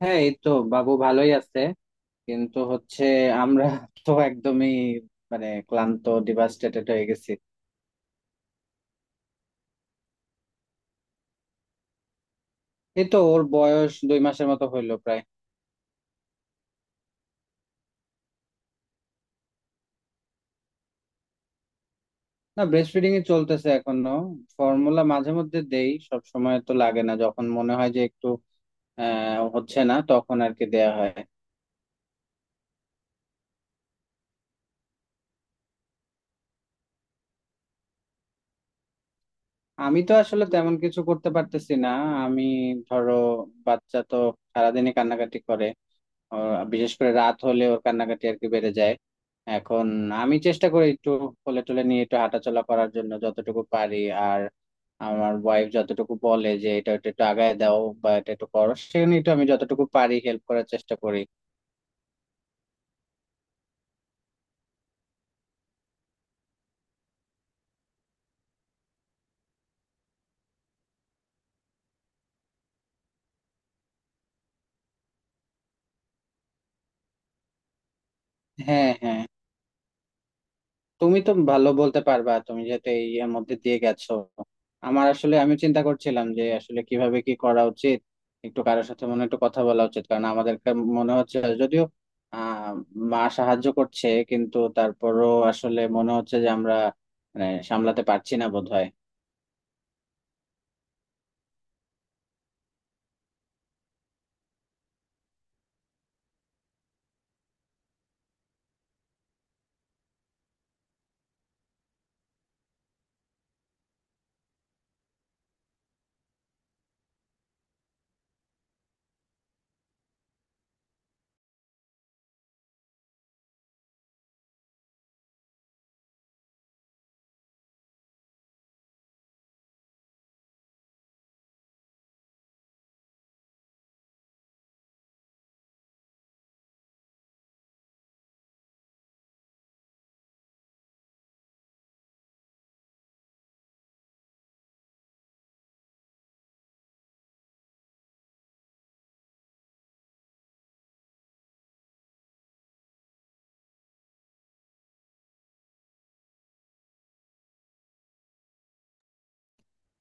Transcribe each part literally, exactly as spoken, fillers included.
হ্যাঁ, এই তো বাবু ভালোই আছে। কিন্তু হচ্ছে আমরা তো একদমই মানে ক্লান্ত, ডিভাস্টেটেড হয়ে গেছি। এই তো ওর বয়স দুই মাসের মতো হইলো প্রায়। না, ব্রেস্ট ফিডিং এ চলতেছে এখনো। ফর্মুলা মাঝে মধ্যে দেই, সব সময় তো লাগে না। যখন মনে হয় যে একটু আহ হচ্ছে না, তখন আর কি দেয়া হয়। আমি তো আসলে তেমন কিছু করতে পারতেছি না। আমি ধরো বাচ্চা তো সারাদিনই কান্নাকাটি করে। ওর বিশেষ করে রাত হলে ওর কান্নাকাটি আর কি বেড়ে যায় এখন। আমি চেষ্টা করি একটু কোলে টোলে নিয়ে একটু হাঁটাচলা করার জন্য যতটুকু পারি। আর আমার ওয়াইফ যতটুকু বলে যে এটা একটু একটু আগায় দাও বা এটা একটু করো, সেখানে একটু আমি যতটুকু পারি হেল্প করার চেষ্টা করি। হ্যাঁ, হ্যাঁ, তুমি তো ভালো বলতে পারবা, তুমি যেহেতু এই এর মধ্যে দিয়ে গেছো। আমার আসলে আমি চিন্তা করছিলাম যে আসলে কিভাবে কি করা উচিত, একটু কারোর সাথে মনে হয় একটু কথা বলা উচিত, কারণ আমাদেরকে মনে হচ্ছে, যদিও আহ মা সাহায্য করছে, কিন্তু তারপরও আসলে মনে হচ্ছে যে আমরা মানে সামলাতে পারছি না বোধহয়।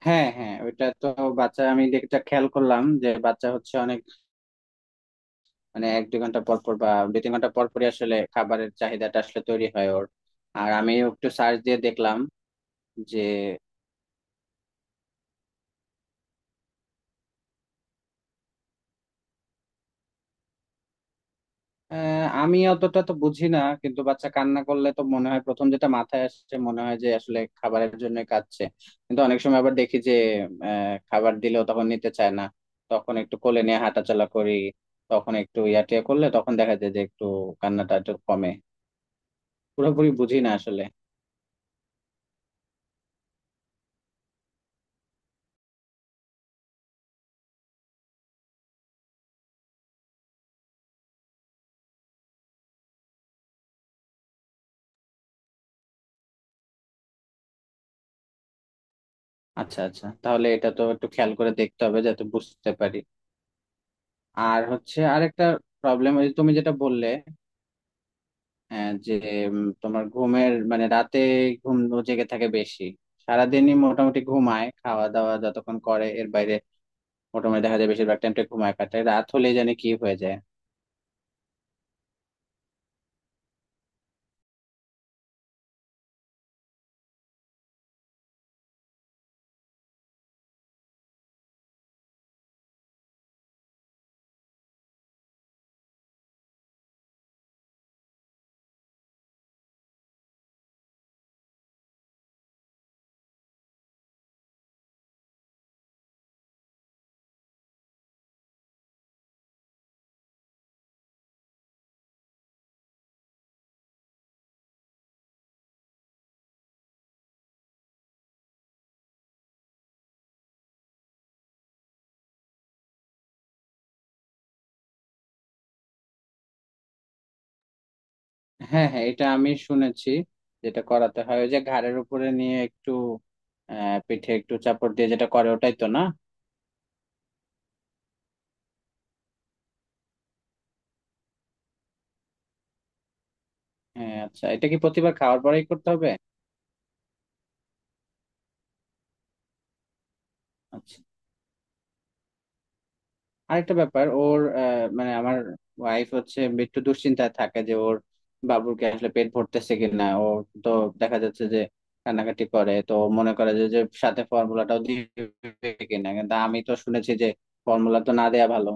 হ্যাঁ, হ্যাঁ, ওইটা তো বাচ্চা আমি যেটা খেয়াল করলাম যে বাচ্চা হচ্ছে অনেক মানে এক দুই ঘন্টা পর পর বা দুই তিন ঘন্টা পর পরই আসলে খাবারের চাহিদাটা আসলে তৈরি হয় ওর। আর আমি একটু সার্চ দিয়ে দেখলাম যে আহ, আমি অতটা তো বুঝি না, কিন্তু বাচ্চা কান্না করলে তো মনে হয় প্রথম যেটা মাথায় আসছে মনে হয় যে আসলে খাবারের জন্য কাঁদছে। কিন্তু অনেক সময় আবার দেখি যে আহ, খাবার দিলেও তখন নিতে চায় না। তখন একটু কোলে নিয়ে হাঁটাচলা করি, তখন একটু ইয়াটিয়া করলে তখন দেখা যায় যে একটু কান্নাটা একটু কমে। পুরোপুরি বুঝি না আসলে। আচ্ছা, আচ্ছা, তাহলে এটা তো একটু খেয়াল করে দেখতে হবে যাতে বুঝতে পারি। আর হচ্ছে আরেকটা প্রবলেম তুমি যেটা বললে, হ্যাঁ, যে উম, তোমার ঘুমের মানে রাতে ঘুম ও জেগে থাকে বেশি। সারাদিনই মোটামুটি ঘুমায়, খাওয়া দাওয়া যতক্ষণ করে এর বাইরে মোটামুটি দেখা যায় বেশিরভাগ টাইমটা ঘুমায় কাটায়। রাত হলে জানি কি হয়ে যায়। হ্যাঁ, হ্যাঁ, এটা আমি শুনেছি, যেটা করাতে হয় ওই যে ঘাড়ের উপরে নিয়ে একটু আহ পিঠে একটু চাপড় দিয়ে যেটা করে ওটাই তো না? হ্যাঁ, আচ্ছা, এটা কি প্রতিবার খাওয়ার পরেই করতে হবে? আচ্ছা, আরেকটা ব্যাপার ওর আহ, মানে আমার ওয়াইফ হচ্ছে একটু দুশ্চিন্তায় থাকে যে ওর বাবুকে আসলে পেট ভরতেছে কিনা। ও তো দেখা যাচ্ছে যে কান্নাকাটি করে, তো ও মনে করে যে যে সাথে ফর্মুলাটাও দিবে কিনা, কিন্তু আমি তো শুনেছি যে ফর্মুলা তো না দেয়া ভালো।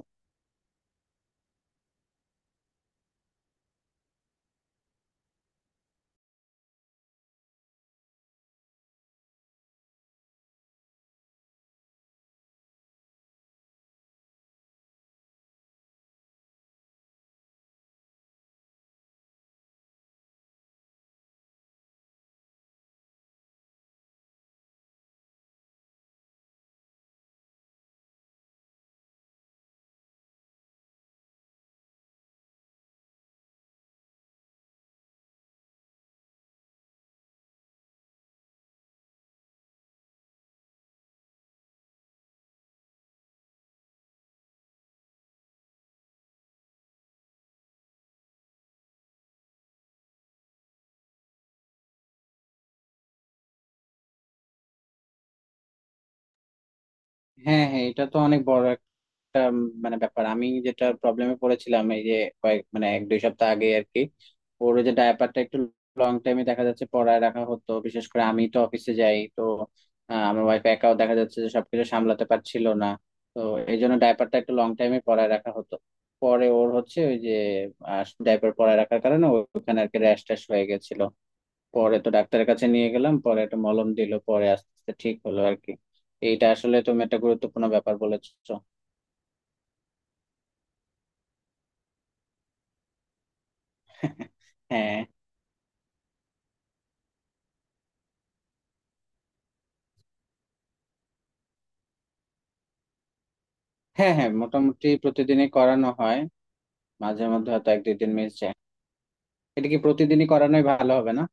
হ্যাঁ, হ্যাঁ, এটা তো অনেক বড় একটা উম, মানে ব্যাপার। আমি যেটা প্রবলেমে পড়েছিলাম এই যে কয়েক মানে এক দুই সপ্তাহ আগে আর কি, ওর ওই যে ডায়াপারটা একটু লং টাইমে দেখা যাচ্ছে পড়ায় রাখা হতো, বিশেষ করে আমি তো অফিসে যাই, তো আহ, আমার ওয়াইফ একাও দেখা যাচ্ছে যে সবকিছু সামলাতে পারছিল না। তো এই জন্য ডায়াপারটা একটু লং টাইমে পড়ায় রাখা হতো। পরে ওর হচ্ছে ওই যে ডায়াপার পরায় রাখার কারণে ওখানে আর কি র্যাশ ট্যাশ হয়ে গেছিল। পরে তো ডাক্তারের কাছে নিয়ে গেলাম, পরে একটা মলম দিল, পরে আস্তে আস্তে ঠিক হলো আর কি। এইটা আসলে তুমি একটা গুরুত্বপূর্ণ ব্যাপার বলেছো। হ্যাঁ। হ্যাঁ, হ্যাঁ, মোটামুটি প্রতিদিনই করানো হয়। মাঝে মধ্যে হয়তো এক দুই দিন মিস যায়। এটা কি প্রতিদিনই করানোই ভালো হবে না?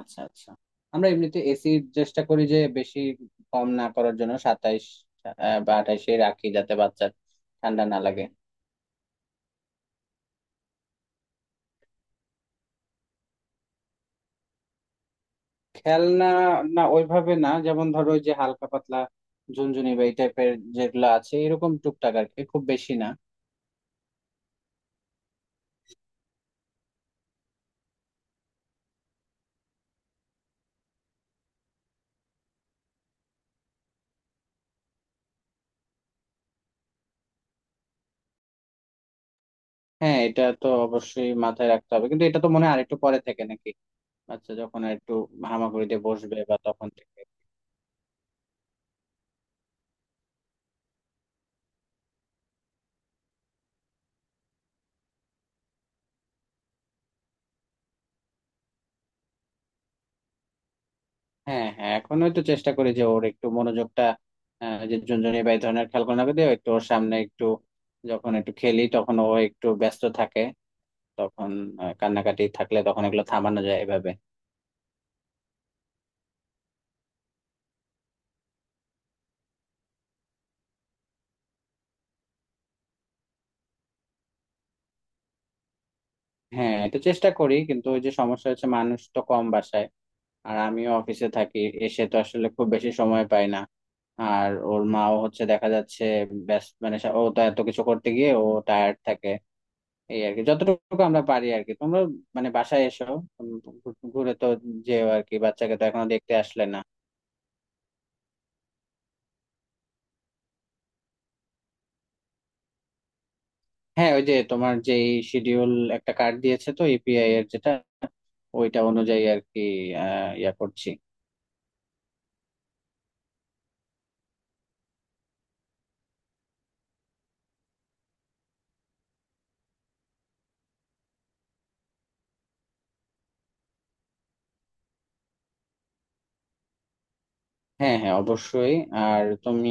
আচ্ছা, আচ্ছা, আমরা এমনিতে এসি চেষ্টা করি যে বেশি কম না করার জন্য সাতাইশ আহ, বা আঠাইশে রাখি, যাতে বাচ্চার ঠান্ডা না লাগে। খেলনা, না ওইভাবে না, যেমন ধরো ওই যে হালকা পাতলা ঝুনঝুনি বা এই টাইপের যেগুলো আছে, এরকম টুকটাক আর কি, খুব বেশি না। হ্যাঁ, এটা তো অবশ্যই মাথায় রাখতে হবে, কিন্তু এটা তো মনে হয় আরেকটু পরে থেকে নাকি? আচ্ছা, যখন আর একটু হামাগুড়ি দিয়ে বসবে বা তখন থেকে। হ্যাঁ, হ্যাঁ, এখন হয়তো চেষ্টা করি যে ওর একটু মনোযোগটা আহ, যে ঝুনঝুনি বা এই ধরনের খেলনা দিয়ে একটু ওর সামনে একটু যখন একটু খেলি, তখন ও একটু ব্যস্ত থাকে। তখন আহ, কান্নাকাটি থাকলে তখন এগুলো থামানো যায় এভাবে। হ্যাঁ, এটা চেষ্টা করি, কিন্তু ওই যে সমস্যা হচ্ছে মানুষ তো কম বাসায়, আর আমিও অফিসে থাকি, এসে তো আসলে খুব বেশি সময় পাই না। আর ওর মাও হচ্ছে দেখা যাচ্ছে ব্যস্ত, মানে সা- ও তো এত কিছু করতে গিয়ে ও টায়ার্ড থাকে। এই আর কি যতটুকু আমরা পারি আর কি। তোমরা মানে বাসায় এসো, উম, ঘু- ঘুরে তো যেও আর কি, বাচ্চাকে তো এখনো দেখতে আসলে না। হ্যাঁ, ওই যে তোমার যে শিডিউল একটা কার্ড দিয়েছে তো ই পি আই এর, যেটা ওইটা অনুযায়ী আর কি আহ ইয়া করছি। হ্যাঁ, হ্যাঁ, অবশ্যই। আর তুমি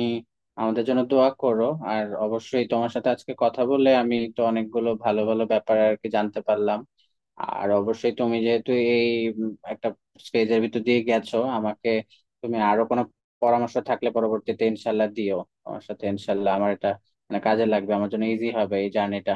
আমাদের জন্য দোয়া করো। আর অবশ্যই তোমার সাথে আজকে কথা বলে আমি তো অনেকগুলো ভালো ভালো ব্যাপার আর কি জানতে পারলাম। আর অবশ্যই তুমি যেহেতু এই উম, একটা স্টেজের ভিতর দিয়ে গেছো আমাকে, তুমি আরো কোনো পরামর্শ থাকলে পরবর্তীতে ইনশাল্লাহ দিও আমার সাথে। ইনশাল্লাহ আমার এটা মানে কাজে লাগবে, আমার জন্য ইজি হবে এই জার্নিটা।